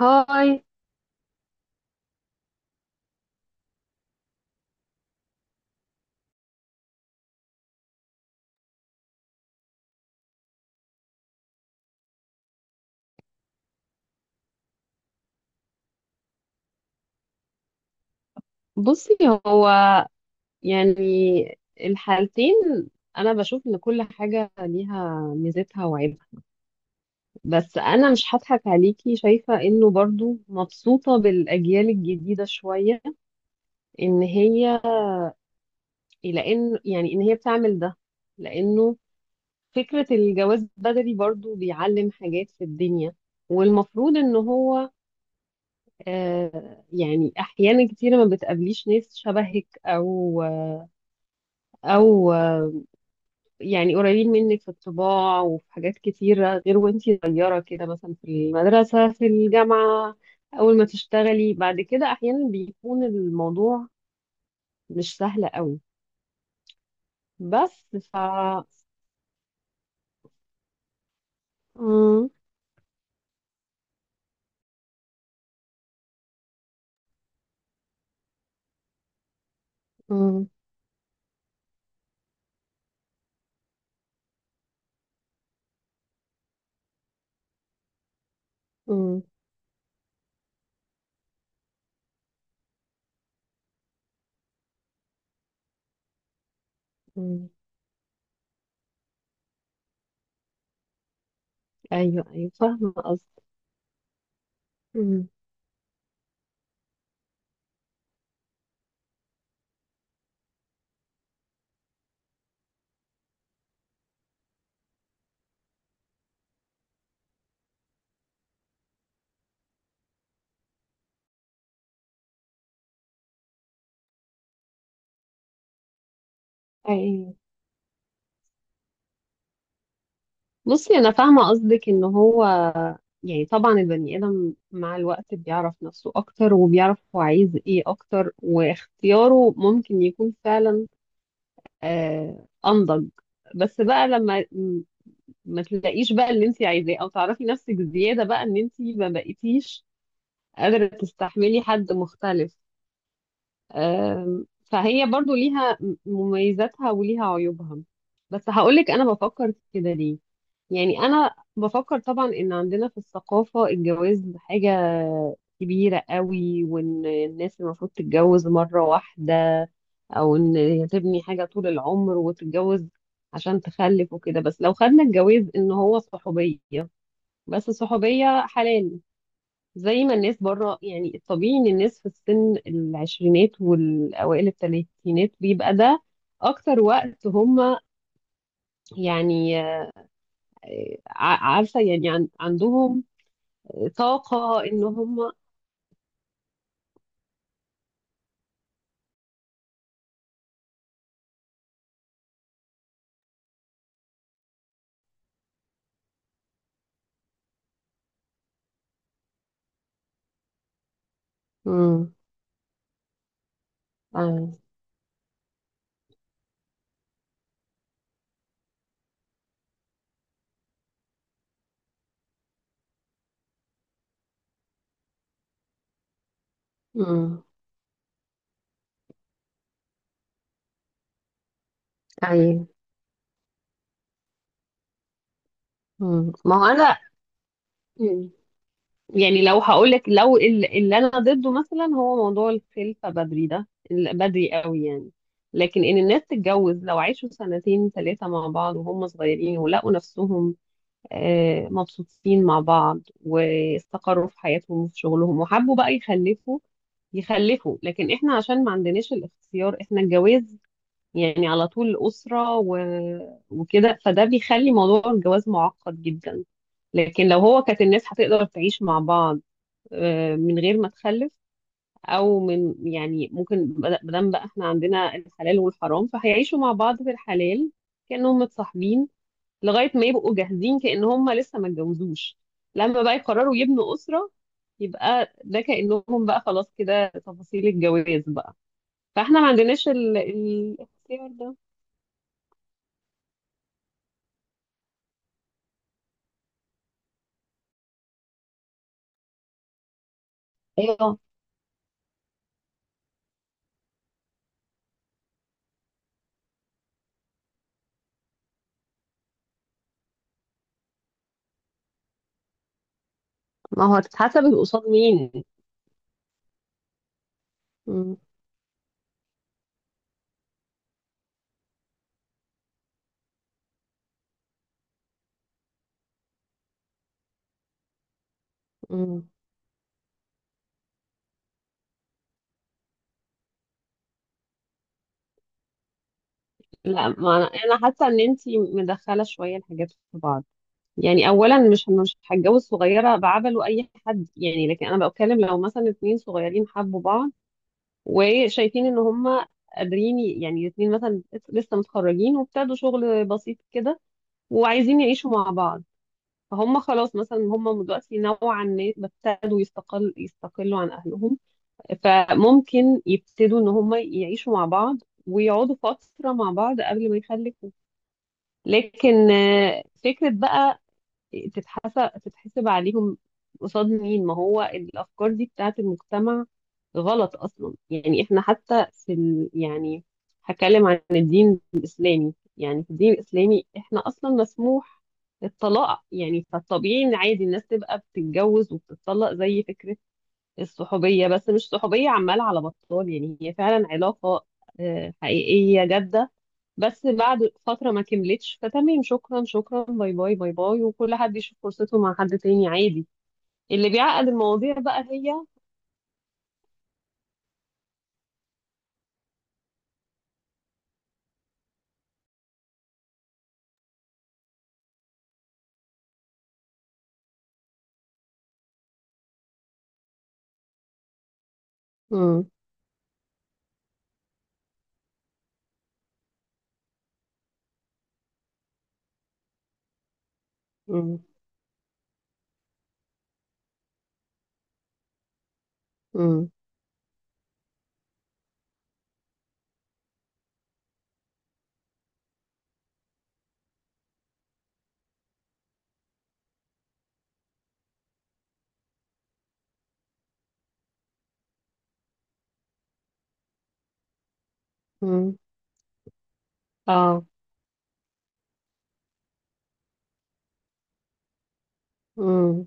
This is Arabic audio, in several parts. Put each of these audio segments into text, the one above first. هاي. بصي، هو يعني الحالتين، انا بشوف ان كل حاجة ليها ميزتها وعيبها. بس انا مش هضحك عليكي، شايفة انه برضو مبسوطة بالاجيال الجديدة شوية. ان هي ان هي بتعمل ده لانه فكرة الجواز بدري برضو بيعلم حاجات في الدنيا. والمفروض ان هو احيانا كتيرة ما بتقابليش ناس شبهك او يعني قريبين منك في الطباع وفي حاجات كتيرة، غير وانتي صغيرة كده، مثلا في المدرسة في الجامعة، أول ما تشتغلي بعد كده، أحيانا بيكون الموضوع مش سهل قوي. بس ف مم، مم، مم، مم. أيوه أيوه، فاهمة قصدك. مم، أيوه. بصي، أنا فاهمة قصدك. إن هو يعني طبعا البني آدم مع الوقت بيعرف نفسه أكتر وبيعرف هو عايز إيه أكتر، واختياره ممكن يكون فعلا انضج. بس بقى لما ما تلاقيش بقى اللي انت عايزاه، او تعرفي نفسك زياده بقى، ان انت ما بقيتيش قادره تستحملي حد مختلف. آم، فهي برضو ليها مميزاتها وليها عيوبها. بس هقولك انا بفكر كده ليه. يعني انا بفكر طبعا ان عندنا في الثقافه الجواز حاجه كبيره قوي، وان الناس المفروض تتجوز مره واحده، او ان هي تبني حاجه طول العمر وتتجوز عشان تخلف وكده. بس لو خدنا الجواز ان هو صحوبيه، بس صحوبيه حلال، زي ما الناس بره، يعني الطبيعي ان الناس في السن العشرينات والاوائل الثلاثينات بيبقى ده اكتر وقت هم، يعني عارفه، يعني عندهم طاقه ان هم. امم امم ايوه. ما هو انا يعني لو هقولك، لو اللي انا ضده مثلا هو موضوع الخلفه بدري، ده بدري قوي يعني. لكن ان الناس تتجوز لو عاشوا سنتين ثلاثه مع بعض وهم صغيرين ولقوا نفسهم مبسوطين مع بعض، واستقروا في حياتهم وفي شغلهم، وحبوا بقى يخلفوا. لكن احنا عشان ما عندناش الاختيار، احنا الجواز يعني على طول أسرة و... وكده، فده بيخلي موضوع الجواز معقد جدا. لكن لو هو كانت الناس هتقدر تعيش مع بعض من غير ما تخلف، او من، يعني ممكن مادام بقى احنا عندنا الحلال والحرام، فهيعيشوا مع بعض في الحلال كانهم متصاحبين لغايه ما يبقوا جاهزين، كان هم لسه ما اتجوزوش. لما بقى يقرروا يبنوا اسره، يبقى ده كانهم بقى خلاص كده، تفاصيل الجواز بقى. فاحنا ما عندناش الاختيار ده. ايوه، ما هو هتتحسب قصاد مين؟ مم. مم. لا، ما انا أنا حاسه ان انتي مدخله شويه الحاجات في بعض. يعني اولا، مش هتجوز صغيره بعبله اي حد يعني، لكن انا بتكلم لو مثلا اتنين صغيرين حبوا بعض وشايفين ان هما قادرين يعني الاتنين مثلا لسه متخرجين وابتدوا شغل بسيط كده وعايزين يعيشوا مع بعض، فهم خلاص مثلا هم دلوقتي نوعا ما ابتدوا يستقلوا عن اهلهم. فممكن يبتدوا ان هم يعيشوا مع بعض، ويقعدوا فتره مع بعض قبل ما يخلفوا. لكن فكره بقى تتحسب عليهم قصاد مين؟ ما هو الافكار دي بتاعت المجتمع غلط اصلا. يعني احنا حتى في ال... يعني هتكلم عن الدين الاسلامي، يعني في الدين الاسلامي احنا اصلا مسموح الطلاق، يعني فالطبيعي ان عادي الناس تبقى بتتجوز وبتطلق، زي فكرة الصحوبية، بس مش صحوبية عمالة على بطال، يعني هي فعلا علاقة حقيقية جادة. بس بعد فترة ما كملتش، فتمام، شكرا شكرا، باي باي باي باي، وكل حد يشوف فرصته مع حد تاني عادي. اللي بيعقد المواضيع بقى هي. مم. مم. مم. مم. اه. مم.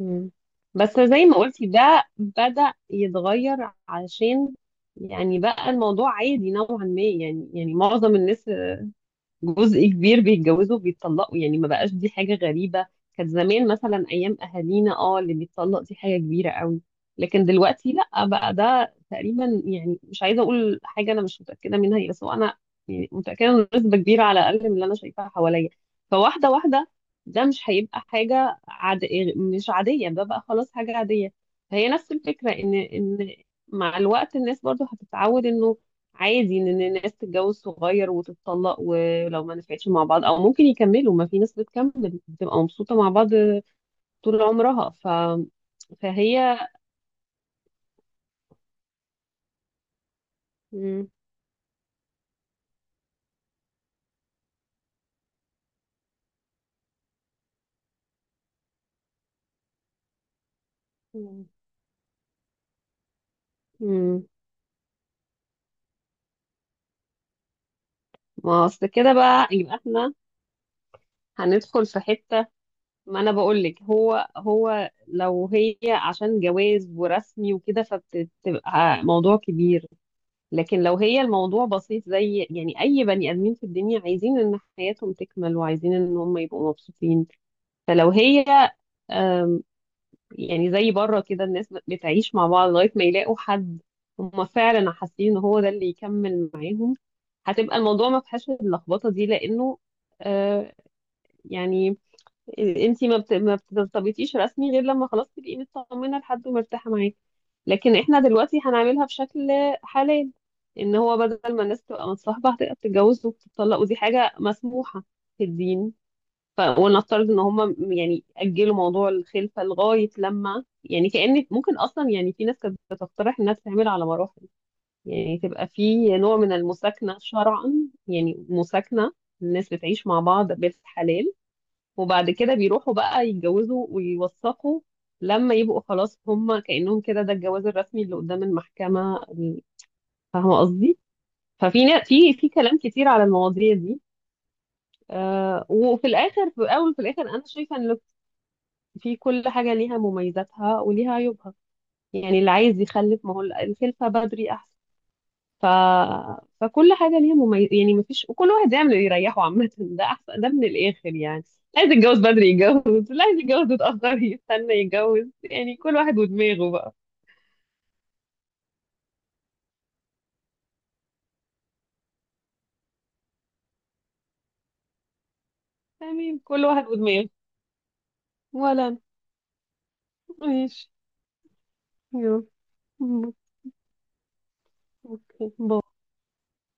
مم. بس زي ما قلتي، ده بدأ يتغير، علشان يعني بقى الموضوع عادي نوعا ما. يعني معظم الناس، جزء كبير، بيتجوزوا وبيتطلقوا، يعني ما بقاش دي حاجة غريبة. كانت زمان مثلا أيام أهالينا، اه، اللي بيتطلق دي حاجة كبيرة قوي، لكن دلوقتي لأ، بقى ده تقريبا، يعني مش عايزة أقول حاجة أنا مش متأكدة منها، هي بس هو أنا يعني متأكدة إن نسبة كبيرة على الأقل من اللي أنا شايفاها حواليا، فواحدة، ده مش هيبقى حاجة مش عادية، ده بقى خلاص حاجة عادية. فهي نفس الفكرة، إن مع الوقت الناس برضو هتتعود إنه عادي ان الناس تتجوز صغير وتتطلق ولو ما نفعتش مع بعض، او ممكن يكملوا، ما في ناس بتكمل بتبقى مبسوطة مع بعض طول عمرها. ف... فهي مم. مم. مم. ما اصل كده بقى، يبقى احنا هندخل في حتة. ما انا بقول لك، هو لو هي عشان جواز ورسمي وكده، فبتبقى موضوع كبير. لكن لو هي الموضوع بسيط، زي يعني اي بني ادمين في الدنيا عايزين ان حياتهم تكمل وعايزين ان هم يبقوا مبسوطين، فلو هي آم، يعني زي بره كده الناس بتعيش مع بعض لغاية ما يلاقوا حد هما فعلا حاسين ان هو ده اللي يكمل معاه، هتبقى الموضوع ما فيهاش اللخبطة دي. لانه آه، يعني انتي ما بترتبطيش رسمي غير لما خلاص تبقي مطمنة لحد ومرتاحة معاه. لكن احنا دلوقتي هنعملها بشكل حلال، ان هو بدل ما الناس تبقى متصاحبة هتبقى بتتجوز وبتطلق، ودي حاجة مسموحة في الدين. ولنفترض ان هم يعني اجلوا موضوع الخلفه لغايه لما، يعني كأن ممكن اصلا، يعني في ناس كانت بتقترح انها تتعمل على مراحل. يعني تبقى في نوع من المساكنه شرعا، يعني مساكنه، الناس بتعيش مع بعض بالحلال، وبعد كده بيروحوا بقى يتجوزوا ويوثقوا لما يبقوا خلاص. هم كأنهم كده ده الجواز الرسمي اللي قدام المحكمة فاهمة قصدي؟ ففي نا- في في كلام كتير على المواضيع دي. آه، وفي الآخر في الأول وفي الآخر أنا شايفة ان في كل حاجة ليها مميزاتها وليها عيوبها. يعني اللي عايز يخلف، ما هو الخلفة بدري أحسن. ف... فكل حاجة ليها مميز، يعني مفيش، وكل واحد يعمل اللي يريحه. عامة ده أحسن ده من الآخر يعني. عايز يتجوز بدري يتجوز، اللي عايز يتجوز يتأخر يستنى يتجوز، يعني كل واحد ودماغه بقى. تمام، كل واحد ودماغه. ولا أنا. ماشي. يلا. أوكي.